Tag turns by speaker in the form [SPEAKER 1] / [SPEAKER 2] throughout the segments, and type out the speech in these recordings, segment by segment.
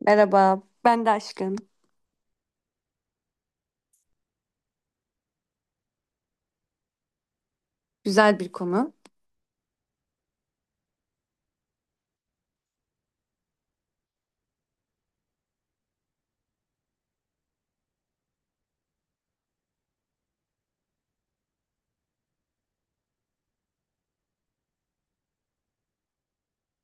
[SPEAKER 1] Merhaba, ben de aşkım. Güzel bir konu.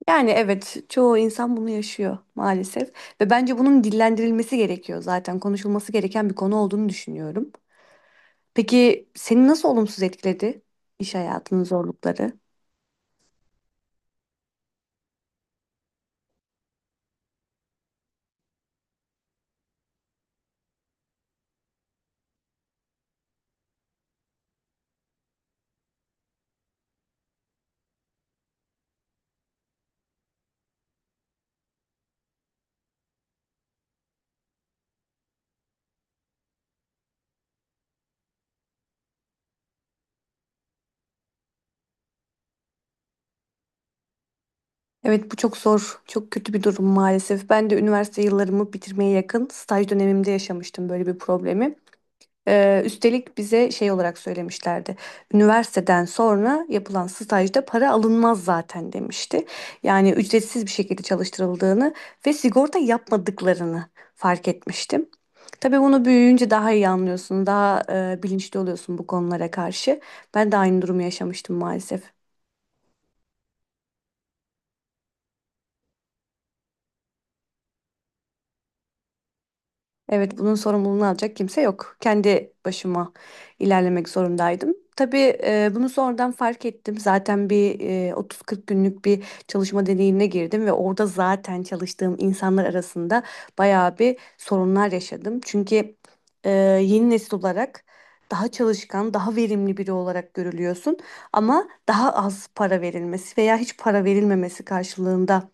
[SPEAKER 1] Yani evet, çoğu insan bunu yaşıyor maalesef ve bence bunun dillendirilmesi gerekiyor zaten konuşulması gereken bir konu olduğunu düşünüyorum. Peki seni nasıl olumsuz etkiledi iş hayatının zorlukları? Evet, bu çok zor, çok kötü bir durum maalesef. Ben de üniversite yıllarımı bitirmeye yakın staj dönemimde yaşamıştım böyle bir problemi. Üstelik bize şey olarak söylemişlerdi. Üniversiteden sonra yapılan stajda para alınmaz zaten demişti. Yani ücretsiz bir şekilde çalıştırıldığını ve sigorta yapmadıklarını fark etmiştim. Tabii bunu büyüyünce daha iyi anlıyorsun, daha bilinçli oluyorsun bu konulara karşı. Ben de aynı durumu yaşamıştım maalesef. Evet, bunun sorumluluğunu alacak kimse yok. Kendi başıma ilerlemek zorundaydım. Tabii bunu sonradan fark ettim. Zaten 30-40 günlük bir çalışma deneyimine girdim ve orada zaten çalıştığım insanlar arasında bayağı bir sorunlar yaşadım. Çünkü e, yeni nesil olarak daha çalışkan, daha verimli biri olarak görülüyorsun ama daha az para verilmesi veya hiç para verilmemesi karşılığında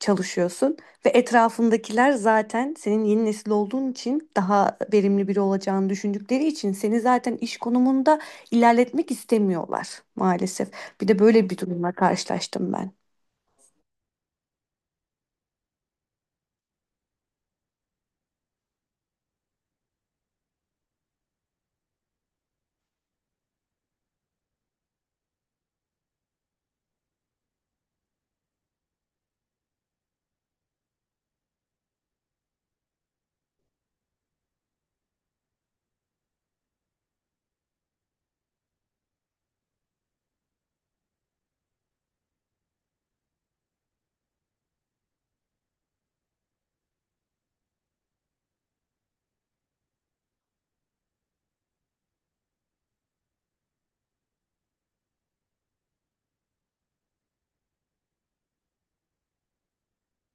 [SPEAKER 1] çalışıyorsun ve etrafındakiler zaten senin yeni nesil olduğun için daha verimli biri olacağını düşündükleri için seni zaten iş konumunda ilerletmek istemiyorlar maalesef. Bir de böyle bir durumla karşılaştım ben.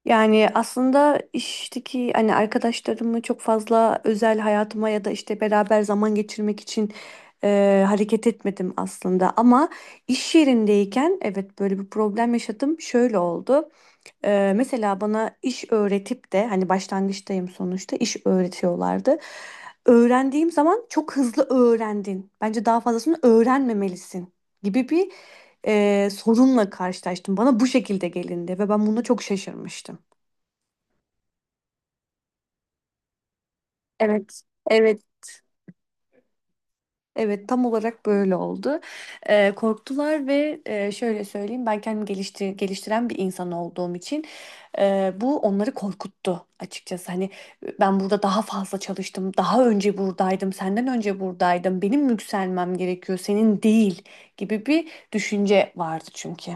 [SPEAKER 1] Yani aslında işteki hani arkadaşlarımı çok fazla özel hayatıma ya da işte beraber zaman geçirmek için hareket etmedim aslında. Ama iş yerindeyken evet böyle bir problem yaşadım. Şöyle oldu. Mesela bana iş öğretip de hani başlangıçtayım sonuçta iş öğretiyorlardı. Öğrendiğim zaman çok hızlı öğrendin. Bence daha fazlasını öğrenmemelisin gibi bir sorunla karşılaştım. Bana bu şekilde gelindi ve ben buna çok şaşırmıştım. Evet, evet, evet, tam olarak böyle oldu. Korktular ve şöyle söyleyeyim ben kendimi geliştiren bir insan olduğum için bu onları korkuttu açıkçası. Hani ben burada daha fazla çalıştım, daha önce buradaydım, senden önce buradaydım, benim yükselmem gerekiyor, senin değil gibi bir düşünce vardı çünkü.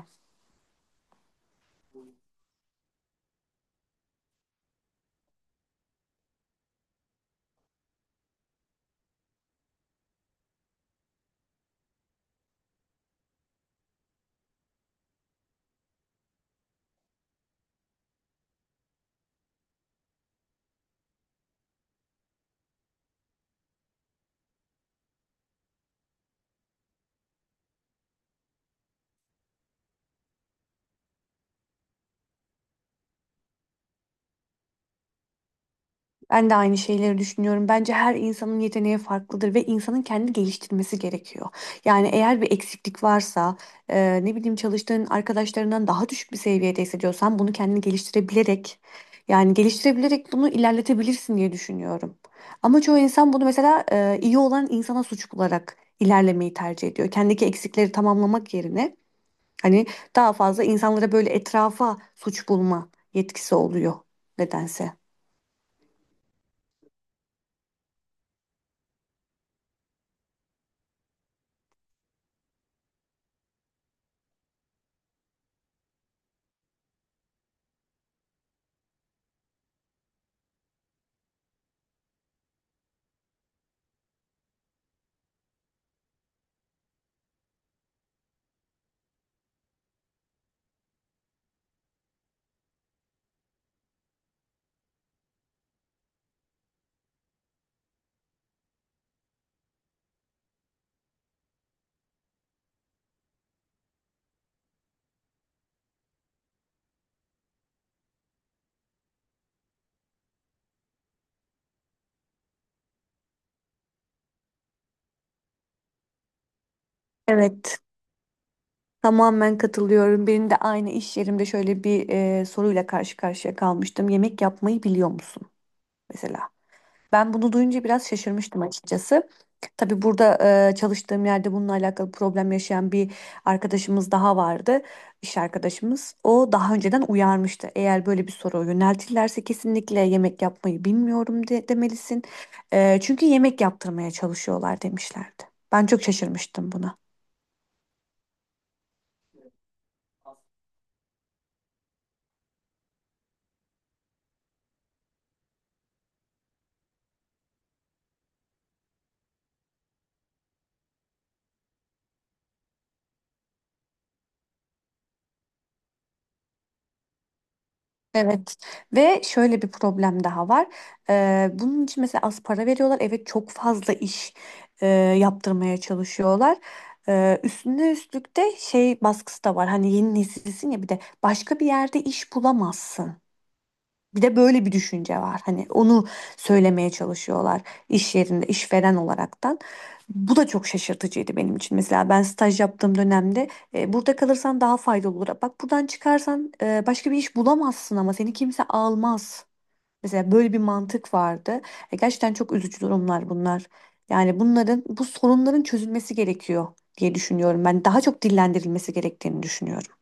[SPEAKER 1] Ben de aynı şeyleri düşünüyorum. Bence her insanın yeteneği farklıdır ve insanın kendi geliştirmesi gerekiyor. Yani eğer bir eksiklik varsa, ne bileyim çalıştığın arkadaşlarından daha düşük bir seviyede hissediyorsan bunu kendini geliştirebilerek, yani geliştirebilerek bunu ilerletebilirsin diye düşünüyorum. Ama çoğu insan bunu mesela iyi olan insana suç bularak ilerlemeyi tercih ediyor. Kendiki eksikleri tamamlamak yerine hani daha fazla insanlara böyle etrafa suç bulma yetkisi oluyor nedense. Evet. Tamamen katılıyorum. Benim de aynı iş yerimde şöyle bir soruyla karşı karşıya kalmıştım. Yemek yapmayı biliyor musun mesela? Ben bunu duyunca biraz şaşırmıştım açıkçası. Tabii burada çalıştığım yerde bununla alakalı problem yaşayan bir arkadaşımız daha vardı. İş arkadaşımız. O daha önceden uyarmıştı. Eğer böyle bir soru yöneltirlerse kesinlikle yemek yapmayı bilmiyorum de, demelisin. Çünkü yemek yaptırmaya çalışıyorlar demişlerdi. Ben çok şaşırmıştım buna. Evet ve şöyle bir problem daha var. Bunun için mesela az para veriyorlar. Evet çok fazla iş yaptırmaya çalışıyorlar. Üstüne üstlük de şey baskısı da var. Hani yeni nesilsin ya bir de başka bir yerde iş bulamazsın. Bir de böyle bir düşünce var. Hani onu söylemeye çalışıyorlar iş yerinde, işveren olaraktan. Bu da çok şaşırtıcıydı benim için. Mesela ben staj yaptığım dönemde burada kalırsan daha faydalı olur. Bak buradan çıkarsan başka bir iş bulamazsın ama seni kimse almaz. Mesela böyle bir mantık vardı. Gerçekten çok üzücü durumlar bunlar. Yani bunların, bu sorunların çözülmesi gerekiyor diye düşünüyorum. Ben daha çok dillendirilmesi gerektiğini düşünüyorum.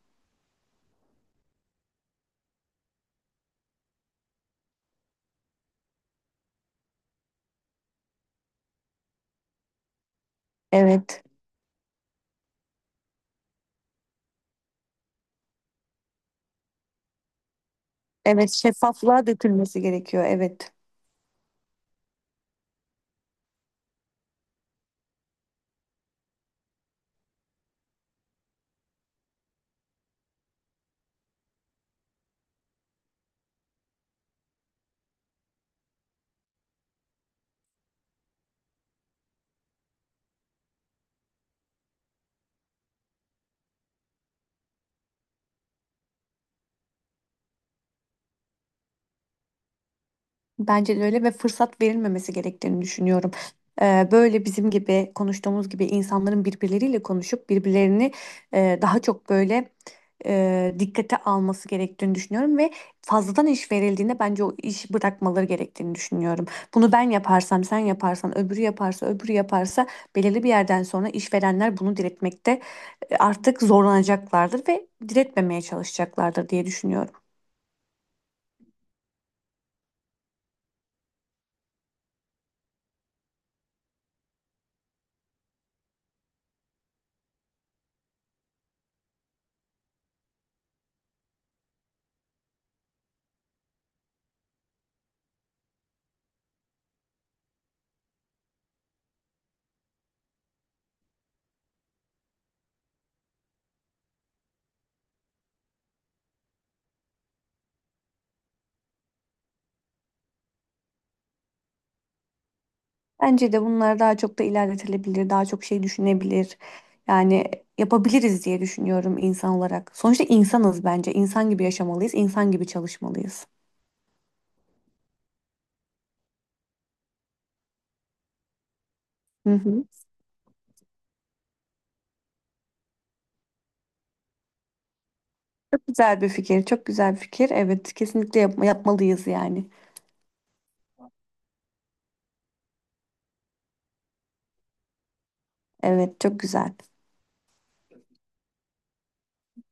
[SPEAKER 1] Evet. Evet, şeffaflığa dökülmesi gerekiyor. Evet. Bence de öyle ve fırsat verilmemesi gerektiğini düşünüyorum. Böyle bizim gibi konuştuğumuz gibi insanların birbirleriyle konuşup birbirlerini daha çok böyle dikkate alması gerektiğini düşünüyorum ve fazladan iş verildiğinde bence o işi bırakmaları gerektiğini düşünüyorum. Bunu ben yaparsam, sen yaparsan, öbürü yaparsa, öbürü yaparsa belirli bir yerden sonra işverenler bunu diretmekte artık zorlanacaklardır ve diretmemeye çalışacaklardır diye düşünüyorum. Bence de bunlar daha çok da ilerletilebilir, daha çok şey düşünebilir. Yani yapabiliriz diye düşünüyorum insan olarak. Sonuçta insanız bence. İnsan gibi yaşamalıyız, insan gibi çalışmalıyız. Hı hı. Çok güzel bir fikir, çok güzel bir fikir. Evet, kesinlikle yapmalıyız yani. Evet, çok güzel.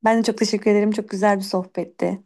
[SPEAKER 1] Ben de çok teşekkür ederim. Çok güzel bir sohbetti.